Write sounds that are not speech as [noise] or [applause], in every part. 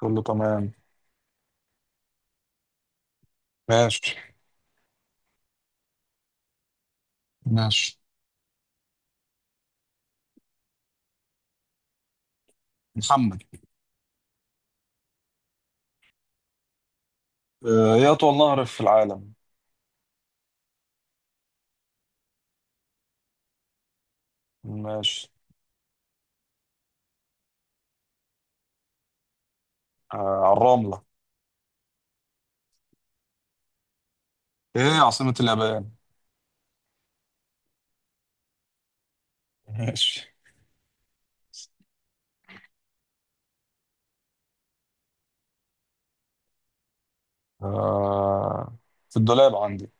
كله تمام. ماشي. ماشي. محمد. ايه اطول نهر في العالم؟ ماشي. آه، على الرملة. ايه عاصمة اليابان؟ ماشي. آه، في الدولاب عندي.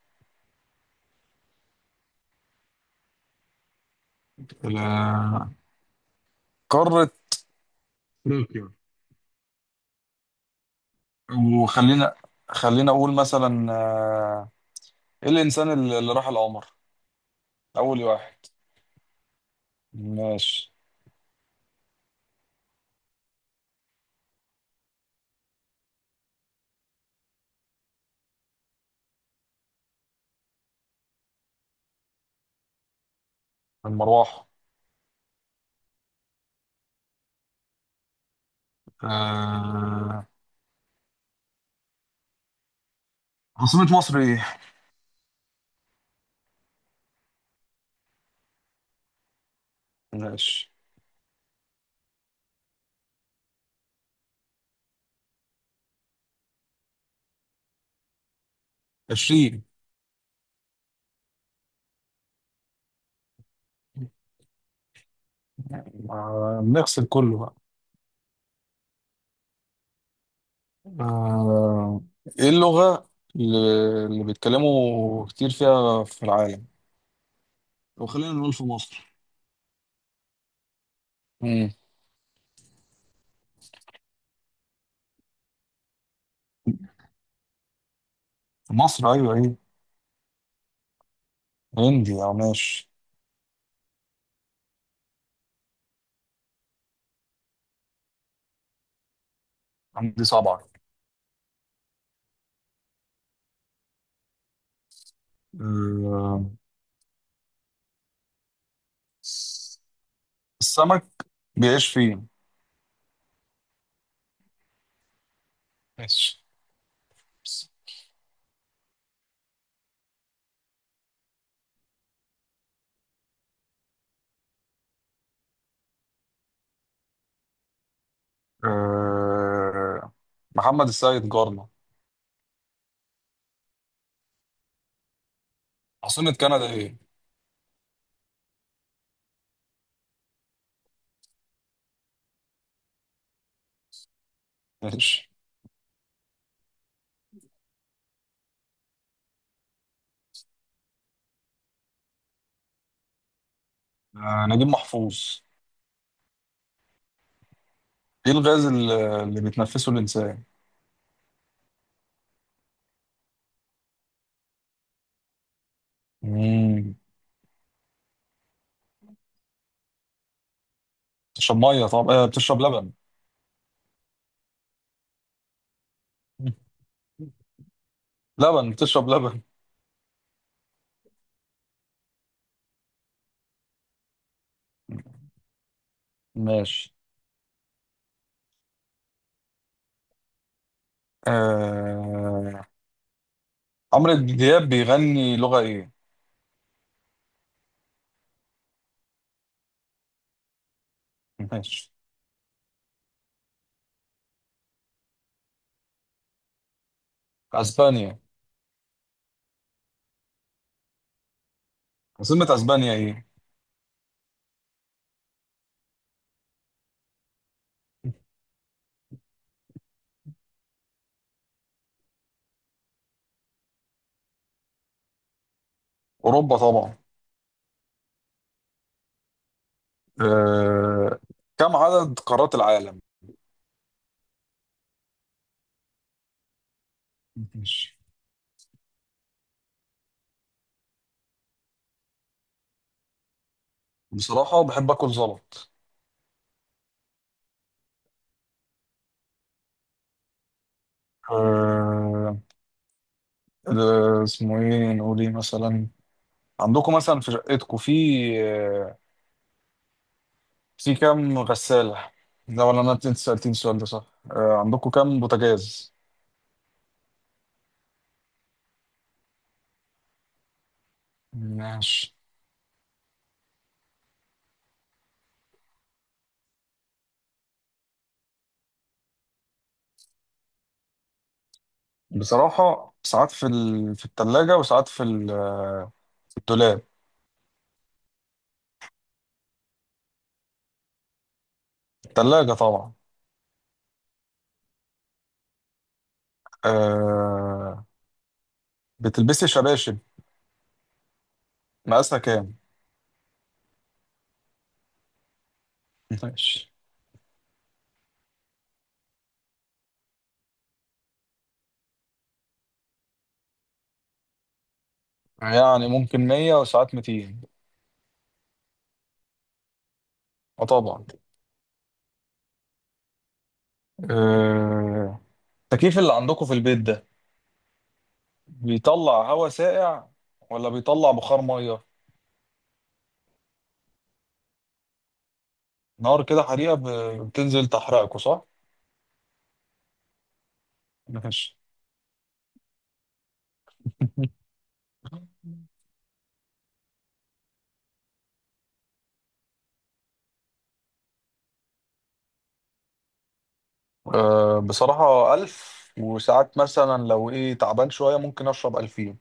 ال- قارة أفريقيا. وخلينا اقول مثلا، ايه الانسان اللي راح القمر اول واحد؟ ماشي. المروحة. آه، عاصمة مصر ايه؟ ماشي. 20. نغسل كله بقى. آه، ايه اللغة اللي اللي بيتكلموا كتير فيها في العالم؟ لو خلينا نقول في مصر. مم. في مصر، ايوه، ايه؟ هندي، او ماشي. عندي صبعة. آه، السمك بيعيش فين؟ ماشي. آه، محمد السيد جارنا. عاصمة كندا ايه؟ ماشي. نجيب محفوظ. ايه الغاز اللي بيتنفسه الانسان؟ مم. بتشرب ميه، طب بتشرب لبن. [laughs] لبن، بتشرب لبن. ماشي. آه... عمرو دياب بيغني لغة ايه؟ ماشي. اسبانيا. عاصمة اسبانيا ايه؟ اوروبا طبعا. آه... كم عدد قارات العالم؟ ماشي. بصراحة بحب اكل زلط. آه... ده اسمه ايه، نقول ايه مثلا، عندكم مثلا في شقتكم آه، في كام غسالة؟ ده، ولا انا انت سألتني السؤال ده صح؟ عندكم كام بوتاجاز؟ ماشي. بصراحة ساعات في التلاجة، وساعات في الدولاب. التلاجة طبعا. آه... بتلبسي شباشب مقاسها كام؟ [laughs] ماشي. يعني ممكن 100، وساعات 200. اه طبعا. آه... التكييف اللي عندكم في البيت ده بيطلع هواء ساقع، ولا بيطلع بخار مية؟ نار، كده حريقة، بتنزل تحرقكوا صح؟ ماشي. بصراحة 1000، وساعات مثلا لو ايه تعبان شوية ممكن أشرب 2000.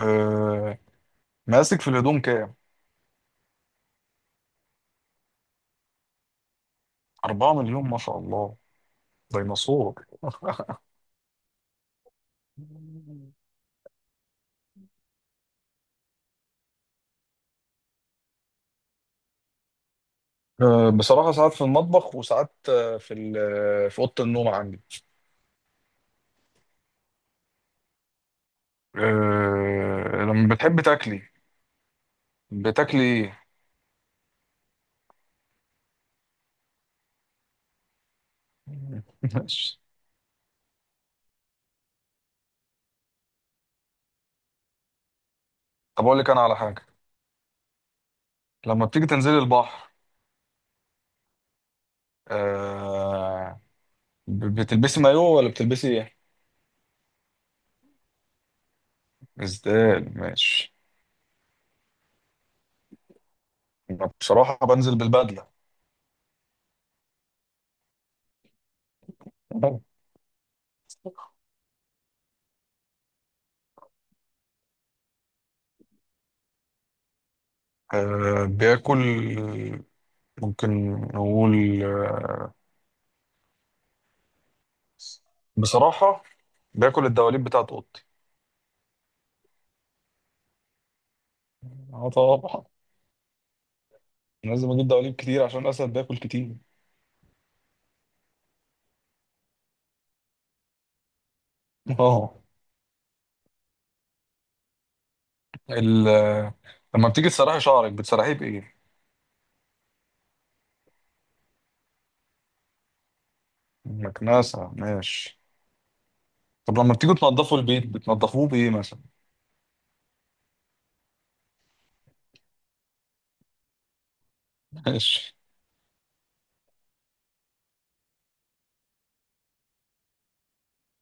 آه، مقاسك في الهدوم كام؟ 4 مليون، ما شاء الله. ديناصور. بصراحة ساعات في المطبخ، وساعات آه، في ال- آه، في أوضة النوم عندي. أه لما بتحب تاكلي، بتاكلي ايه؟ [laughs] ماشي. طب أقول لك أنا على حاجة. لما بتيجي تنزلي البحر أه بتلبسي مايو، ولا بتلبسي ايه؟ ازاي؟ ماشي. أنا بصراحة بنزل بالبدلة. بياكل، ممكن نقول بصراحة باكل الدواليب بتاعت اوضتي. اه طبعا، لازم اجيب دواليب كتير عشان الاسد بياكل كتير. اه. ال... لما بتيجي تسرحي شعرك بتسرحيه بايه؟ مكنسة، ماشي. طب لما بتيجوا تنضفوا البيت بتنضفوه بايه مثلا؟ ماشي.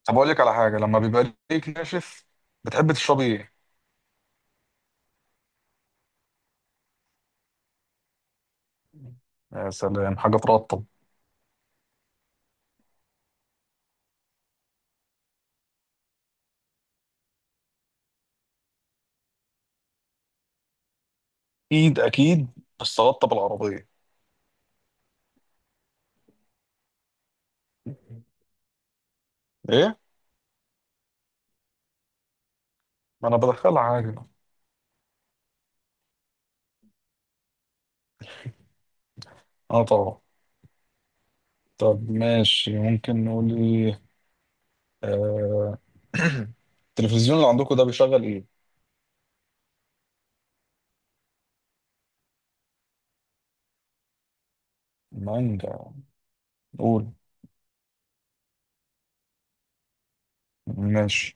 طب اقول لك على حاجه، لما بيبقى ليك ناشف بتحب تشربي ايه؟ يا سلام، حاجه ترطب. اكيد اكيد، بس ترطب العربيه. ايه؟ ما انا بدخلها عادي. اه طبعا. طب ماشي، ممكن نقول ايه؟ آه، [clears throat] التلفزيون اللي عندكم ده بيشغل ايه؟ مانجا. قول. ماشي.